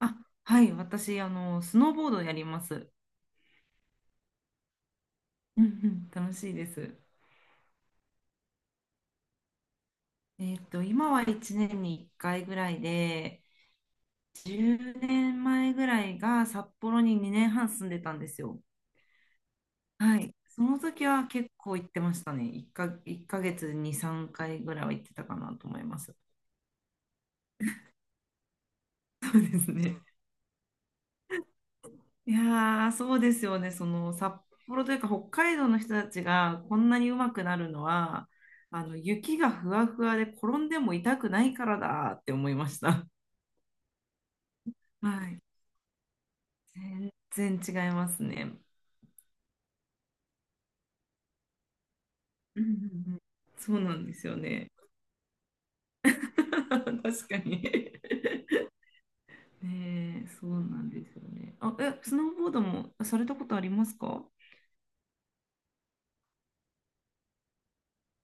あ、はい、私、スノーボードやります。うんうん、楽しいです。今は1年に1回ぐらいで、10年前ぐらいが札幌に2年半住んでたんですよ。はい。その時は結構行ってましたね。1ヶ月に3回ぐらいは行ってたかなと思います。そうですね。いやー、そうですよね。その札幌というか北海道の人たちがこんなに上手くなるのは、あの雪がふわふわで転んでも痛くないからだって思いました。はい。全然違いますね。うんうんうん。そうなんですよね。確かに。ねえ、そうなんですよね。あ、え、スノーボードもされたことありますか？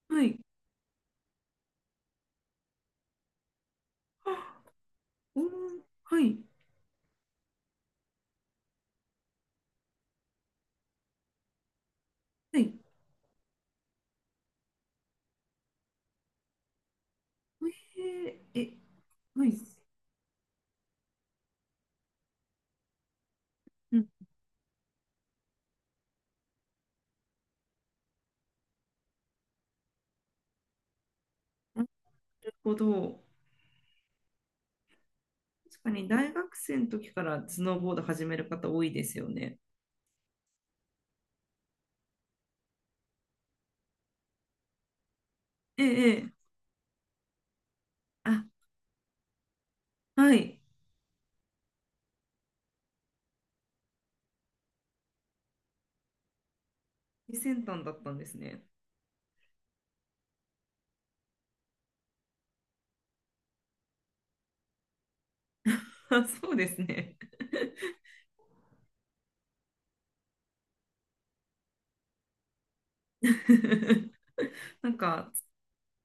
はい。あ、うん、はい。はい。えーえ、はい。うん。なるほど。確かに大学生の時からスノーボード始める方多いですよね。ええ、ええ、あ、はい。最先端だったんですね。あ、そうですね。なんか、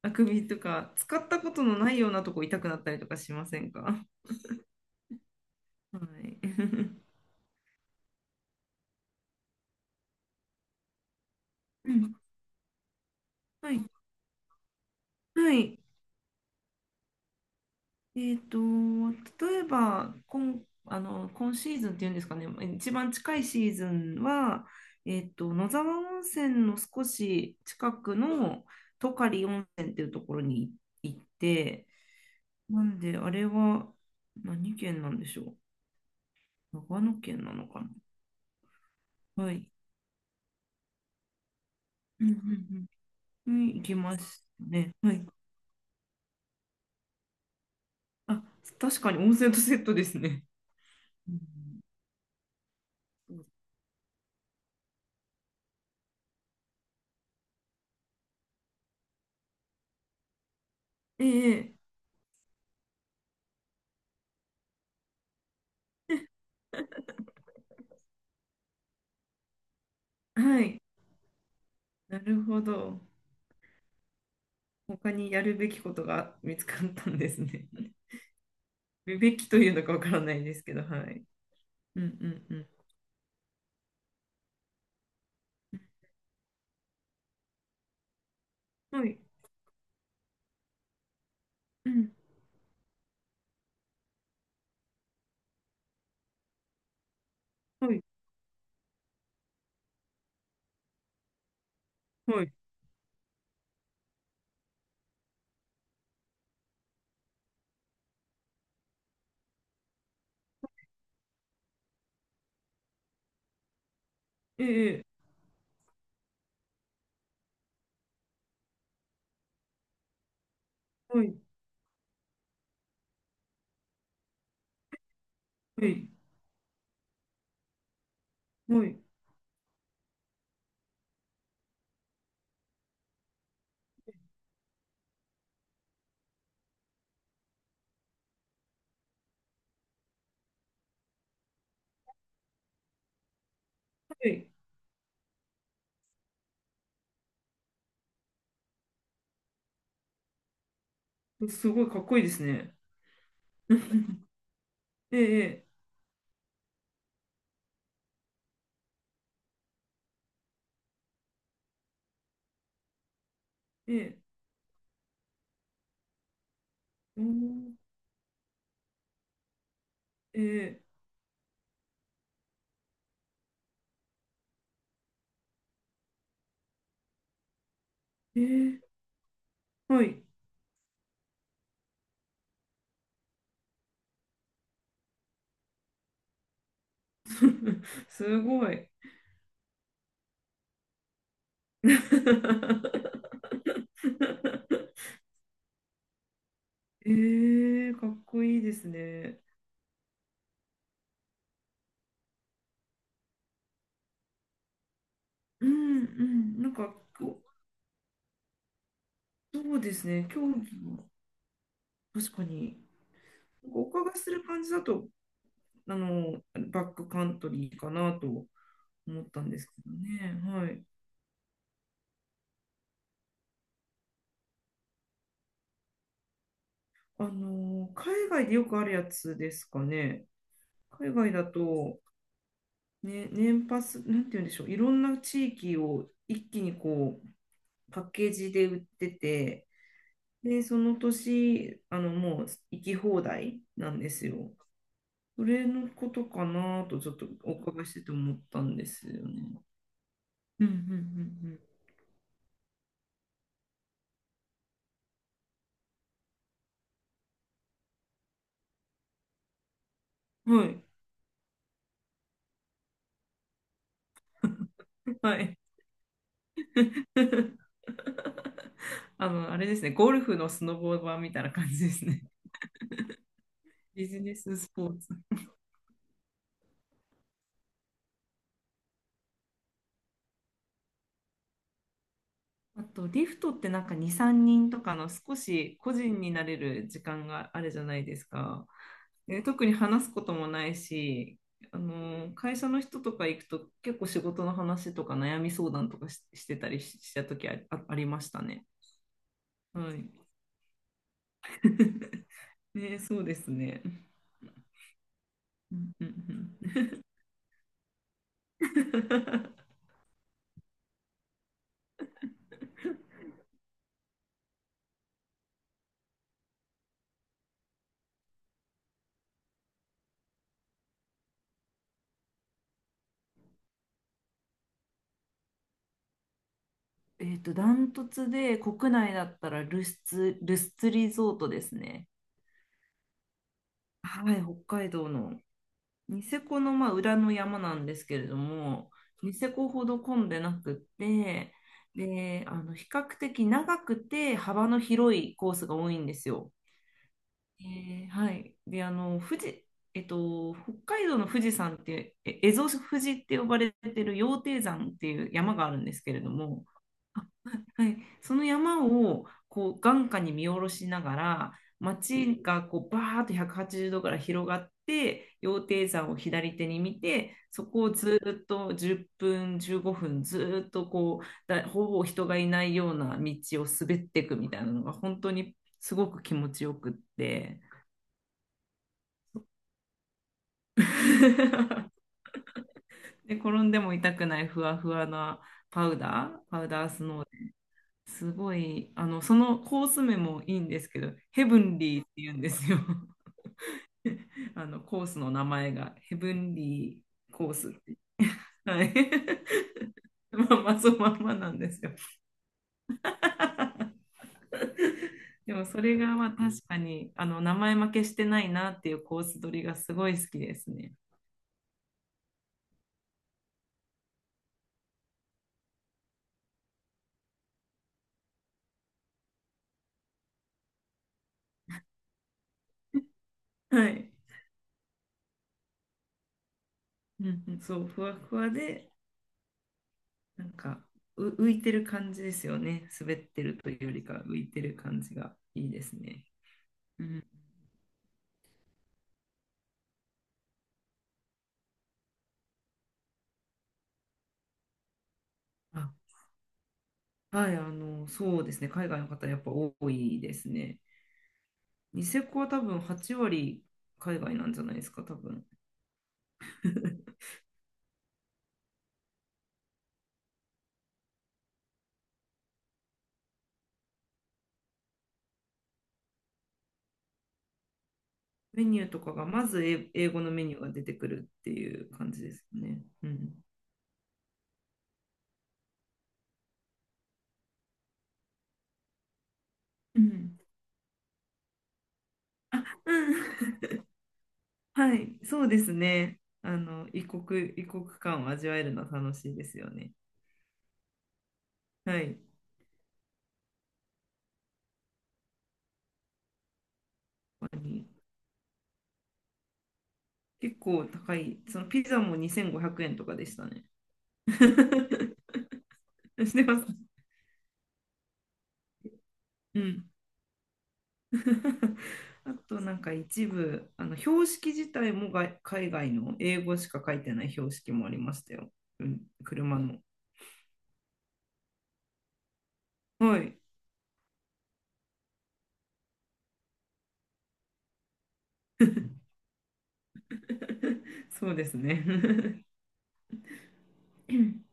あくびとか、使ったことのないようなとこ痛くなったりとかしませんか？はい。うん、はい。はい。えっと、例えば今、今シーズンっていうんですかね、一番近いシーズンは、野沢温泉の少し近くのトカリ温泉っていうところに行って、なんで、あれは何県なんでしょう。長野県なのかな。はい。うんうんうん。に行きましたね。はい。あ、確かに温泉とセットですね。うん、ええ、はい。なるほど。他にやるべきことが見つかったんですね。やるべきというのかわからないですけど、はい。うんうんうん。はい。うん。はい。はい。ええ。ええ、はい。はい。はい。はい、すごいかっこいいですね。ええ。ええ。ええ、おー、ええ。ええ。はい。すごい。ええ、かっこいいですね。うんうん。そうですね。競技も確かに。お伺いする感じだと、あの、バックカントリーかなと思ったんですけどね。はい。海外でよくあるやつですかね。海外だと、ね、年パス、なんて言うんでしょう。いろんな地域を一気にこう、パッケージで売ってて、で、その年、もう行き放題なんですよ。それのことかなと、ちょっとお伺いしてて思ったんですよね。うんうんうん。はい。はい。あの、あれですね、ゴルフのスノボ版みたいな感じですね。ビジネススポーツ。あと、リフトってなんか2、3人とかの少し個人になれる時間があるじゃないですか。で特に話すこともないし、会社の人とか行くと結構仕事の話とか悩み相談とかしてたりした時ありましたね。はい。ね、そうですね。うん。 ダントツで国内だったらルスツリゾートですね。はい、北海道のニセコのまあ裏の山なんですけれども、ニセコほど混んでなくって、で、あの比較的長くて幅の広いコースが多いんですよ。えー、はい。で、あの、富士、えっと、北海道の富士山って、え蝦夷富士って呼ばれてる羊蹄山っていう山があるんですけれども、はい、その山をこう眼下に見下ろしながら街がこうバーッと180度から広がって、羊蹄山を左手に見て、そこをずーっと10分15分ずーっとこうだほぼ人がいないような道を滑っていくみたいなのが本当にすごく気持ちよくって。 で転んでも痛くないふわふわなパウダースノー。すごい、そのコース名もいいんですけど、ヘブンリーって言うんですよ。あの、コースの名前が、ヘブンリーコースって。はい。まあまあ、そのまんまなんですよ。でも、それがまあ確かに、名前負けしてないなっていうコース取りがすごい好きですね。はい。うんうん、そう、ふわふわで、なんか、浮いてる感じですよね。滑ってるというよりか、浮いてる感じがいいですね。うん。あ、はい、そうですね、海外の方やっぱ多いですね。ニセコは多分8割海外なんじゃないですか、多分。メニューとかが、まず英語のメニューが出てくるっていう感じですね。うん。うん。うん、はい、そうですね。あの、異国感を味わえるのは楽しいですよね。はい。本当に結構高い、そのピザも2500円とかでしたね。してます。うん。あとなんか一部、あの標識自体もが海外の英語しか書いてない標識もありましたよ。うん、車の。はい。そうですね。うん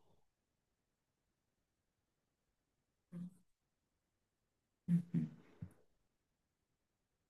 うん